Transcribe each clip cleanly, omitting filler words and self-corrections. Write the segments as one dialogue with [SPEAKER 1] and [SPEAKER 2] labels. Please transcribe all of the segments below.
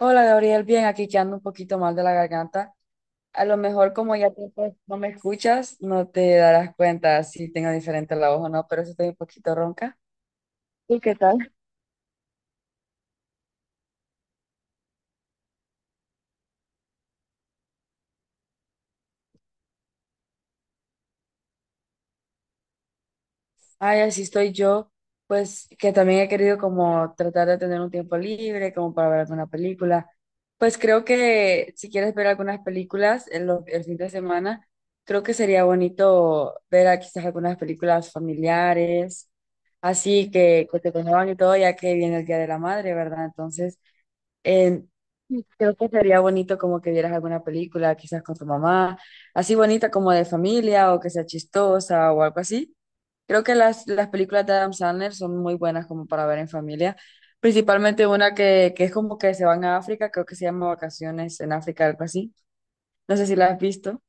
[SPEAKER 1] Hola Gabriel, bien, aquí que ando un poquito mal de la garganta. A lo mejor como ya tiempo no me escuchas, no te darás cuenta si tengo diferente la voz o no, pero sí estoy un poquito ronca. ¿Y qué tal? Ay, así estoy yo, pues que también he querido como tratar de tener un tiempo libre, como para ver alguna película. Pues creo que si quieres ver algunas películas en el fin de semana, creo que sería bonito ver quizás algunas películas familiares, así que te conmuevan y todo, ya que viene el Día de la Madre, ¿verdad? Entonces, eh, creo que sería bonito como que vieras alguna película, quizás con tu mamá, así bonita como de familia o que sea chistosa o algo así. Creo que las películas de Adam Sandler son muy buenas como para ver en familia, principalmente una que es como que se van a África, creo que se llama Vacaciones en África, algo así. No sé si la has visto.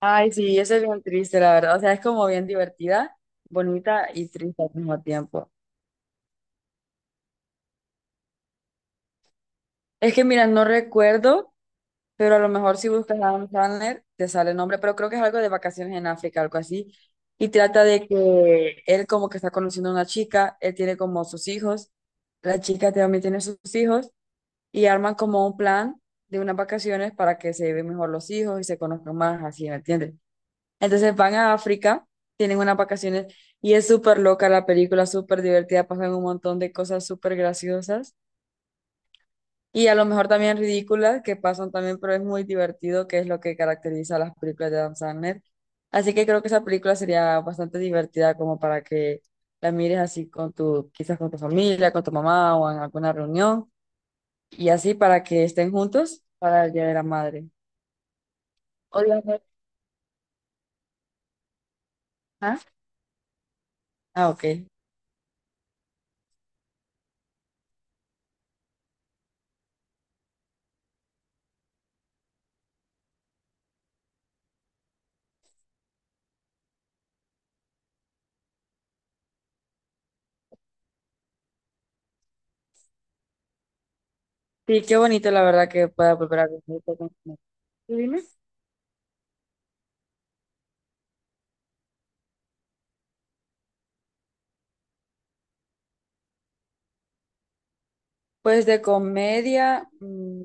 [SPEAKER 1] Ay, sí, esa es bien triste, la verdad. O sea, es como bien divertida, bonita y triste al mismo tiempo. Es que, mira, no recuerdo. Pero a lo mejor si buscas Adam Sandler, te sale el nombre, pero creo que es algo de vacaciones en África, algo así. Y trata de que él como que está conociendo a una chica, él tiene como sus hijos, la chica también tiene sus hijos, y arman como un plan de unas vacaciones para que se lleven mejor los hijos y se conozcan más, así, ¿me entiendes? Entonces van a África, tienen unas vacaciones, y es súper loca la película, súper divertida, pasan un montón de cosas súper graciosas. Y a lo mejor también ridículas que pasan también, pero es muy divertido, que es lo que caracteriza a las películas de Adam Sandler. Así que creo que esa película sería bastante divertida como para que la mires así con tu, quizás con tu familia, con tu mamá o en alguna reunión y así para que estén juntos para el Día de la Madre. O ¿Ah? Ah, ok. Sí, qué bonito la verdad que pueda volver a ver. ¿Tú dime? Pues de comedia,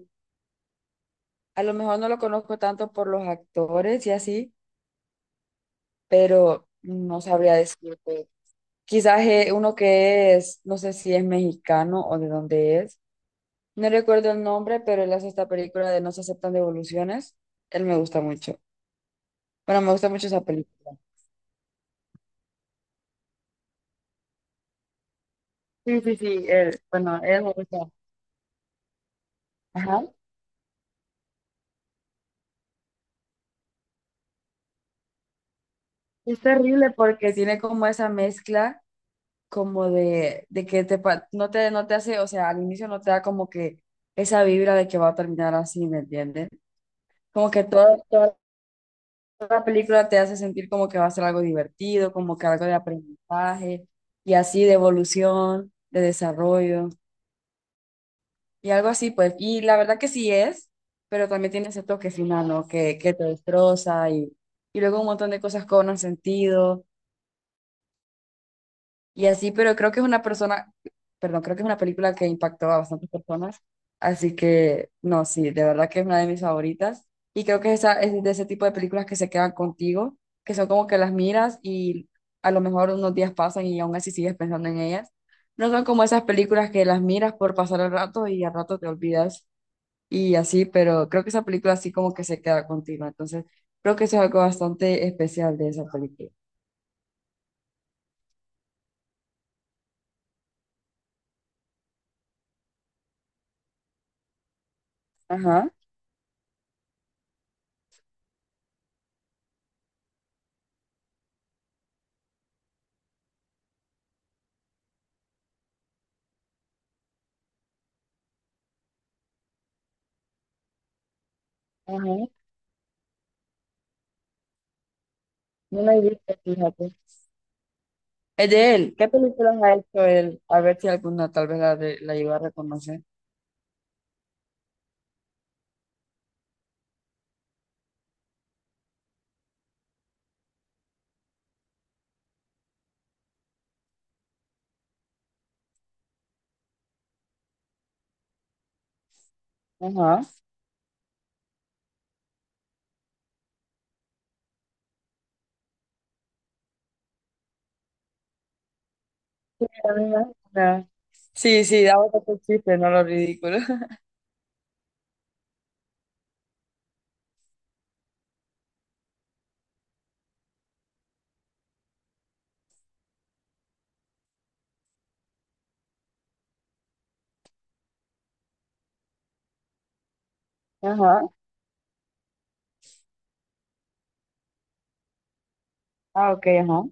[SPEAKER 1] a lo mejor no lo conozco tanto por los actores y así, pero no sabría decirte. Quizás uno que es, no sé si es mexicano o de dónde es. No recuerdo el nombre, pero él hace esta película de No se aceptan devoluciones. Él me gusta mucho. Bueno, me gusta mucho esa película. Sí, sí, sí, él, bueno, él me gusta. Ajá. Es terrible porque tiene como esa mezcla como de que te, no te hace, o sea, al inicio no te da como que esa vibra de que va a terminar así, ¿me entiendes? Como que todo, todas la película te hace sentir como que va a ser algo divertido, como que algo de aprendizaje y así de evolución, de desarrollo y algo así, pues. Y la verdad que sí es, pero también tiene ese toque final, ¿no? Que te destroza y luego un montón de cosas cobran sentido y así, pero creo que es una persona, perdón, creo que es una película que impactó a bastantes personas, así que no, sí, de verdad que es una de mis favoritas y creo que esa es de ese tipo de películas que se quedan contigo, que son como que las miras y a lo mejor unos días pasan y aún así sigues pensando en ellas. No son como esas películas que las miras por pasar el rato y al rato te olvidas y así, pero creo que esa película así como que se queda contigo, entonces creo que eso es algo bastante especial de esa película. Ajá, ajá. No la he visto, fíjate. Es de él. ¿Qué películas ha hecho él? A ver si alguna tal vez la lleva a reconocer. Ajá. A mí me suena. Sí, sí, daba otro chiste, no lo ridículo. Ajá. Ah, ok, ajá.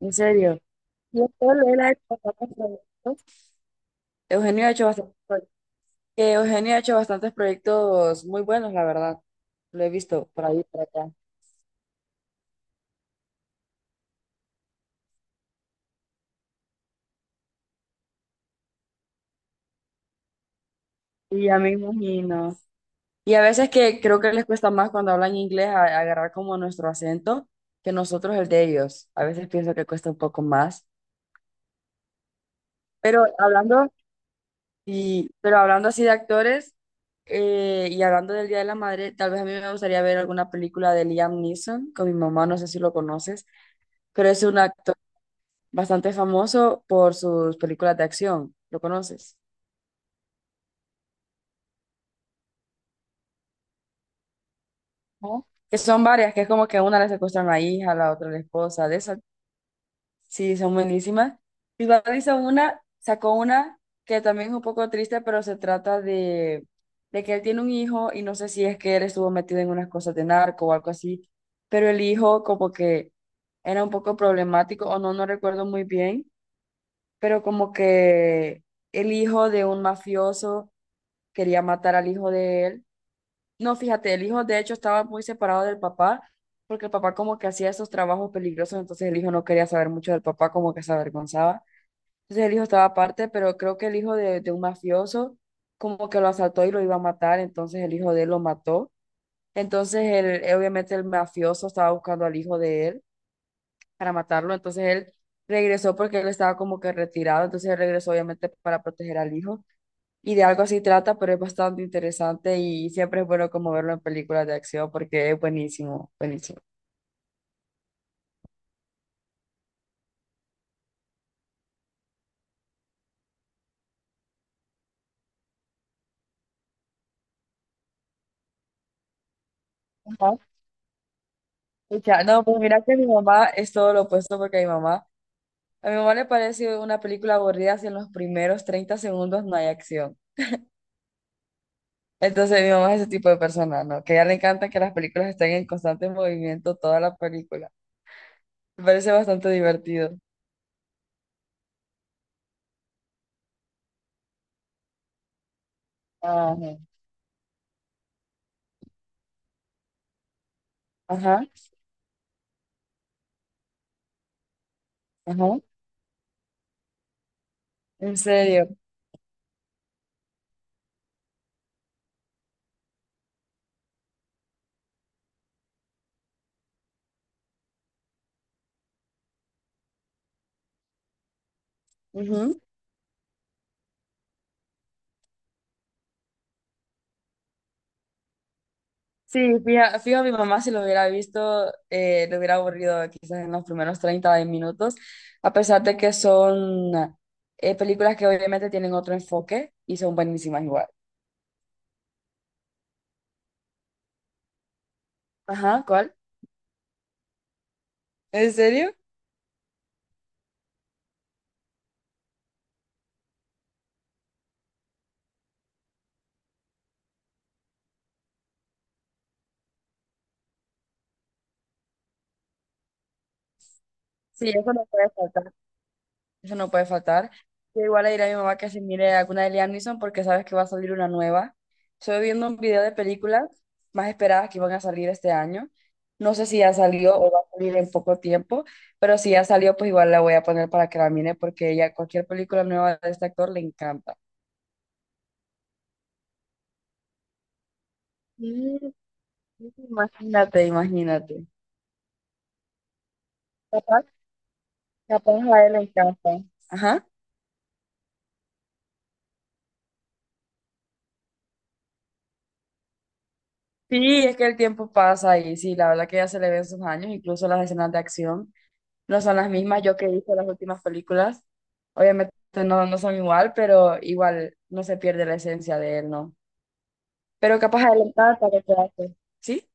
[SPEAKER 1] En serio. Y después él ha hecho bastantes proyectos. Eugenio ha hecho bastantes proyectos. Que Eugenio ha hecho bastantes proyectos muy buenos, la verdad. Lo he visto por ahí, por acá. Y ya me imagino. Y a veces que creo que les cuesta más cuando hablan inglés agarrar como nuestro acento que nosotros el de ellos. A veces pienso que cuesta un poco más. Pero hablando, pero hablando así de actores y hablando del Día de la Madre, tal vez a mí me gustaría ver alguna película de Liam Neeson con mi mamá, no sé si lo conoces, pero es un actor bastante famoso por sus películas de acción. ¿Lo conoces? ¿No? Que son varias, que es como que a una le secuestran a la hija, a la otra a la esposa, de esas. Sí, son buenísimas. Mi papá hizo una, sacó una que también es un poco triste, pero se trata de que él tiene un hijo y no sé si es que él estuvo metido en unas cosas de narco o algo así, pero el hijo como que era un poco problemático o no, no recuerdo muy bien, pero como que el hijo de un mafioso quería matar al hijo de él. No, fíjate, el hijo de hecho estaba muy separado del papá porque el papá como que hacía esos trabajos peligrosos, entonces el hijo no quería saber mucho del papá, como que se avergonzaba. Entonces el hijo estaba aparte, pero creo que el hijo de un mafioso como que lo asaltó y lo iba a matar, entonces el hijo de él lo mató. Entonces él, obviamente el mafioso estaba buscando al hijo de él para matarlo, entonces él regresó porque él estaba como que retirado, entonces él regresó obviamente para proteger al hijo. Y de algo así trata, pero es bastante interesante y siempre es bueno como verlo en películas de acción porque es buenísimo, buenísimo. Ajá. Pucha, no, pues mira que mi mamá es todo lo opuesto porque mi mamá a mi mamá le parece una película aburrida si en los primeros 30 segundos no hay acción. Entonces mi mamá es ese tipo de persona, ¿no? Que a ella le encanta que las películas estén en constante movimiento toda la película. Me parece bastante divertido. Ajá, ajá, ajá. En serio. Ujú. Sí, fijo, mi mamá si lo hubiera visto, le hubiera aburrido quizás en los primeros 30 de minutos, a pesar de que son películas que obviamente tienen otro enfoque y son buenísimas igual. Ajá, ¿cuál? ¿En serio? Sí, eso no puede faltar. Eso no puede faltar. Yo igual le diré a mi mamá que se mire alguna de Liam Neeson porque sabes que va a salir una nueva. Estoy viendo un video de películas más esperadas que van a salir este año. No sé si ya salió o va a salir en poco tiempo, pero si ya salió, pues igual la voy a poner para que la mire porque ella cualquier película nueva de este actor le encanta. Mm, imagínate, imagínate. Capaz, capaz a él le encanta. Ajá. Sí, es que el tiempo pasa y sí, la verdad que ya se le ven sus años, incluso las escenas de acción no son las mismas yo que he las últimas películas. Obviamente no son igual, pero igual no se pierde la esencia de él, ¿no? Pero capaz adelantada para que te hace. ¿Sí?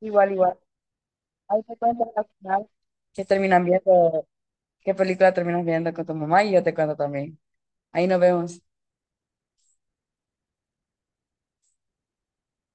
[SPEAKER 1] Igual, igual. Ahí te cuento al final que terminan viendo, qué película terminas viendo con tu mamá y yo te cuento también. Ahí nos vemos.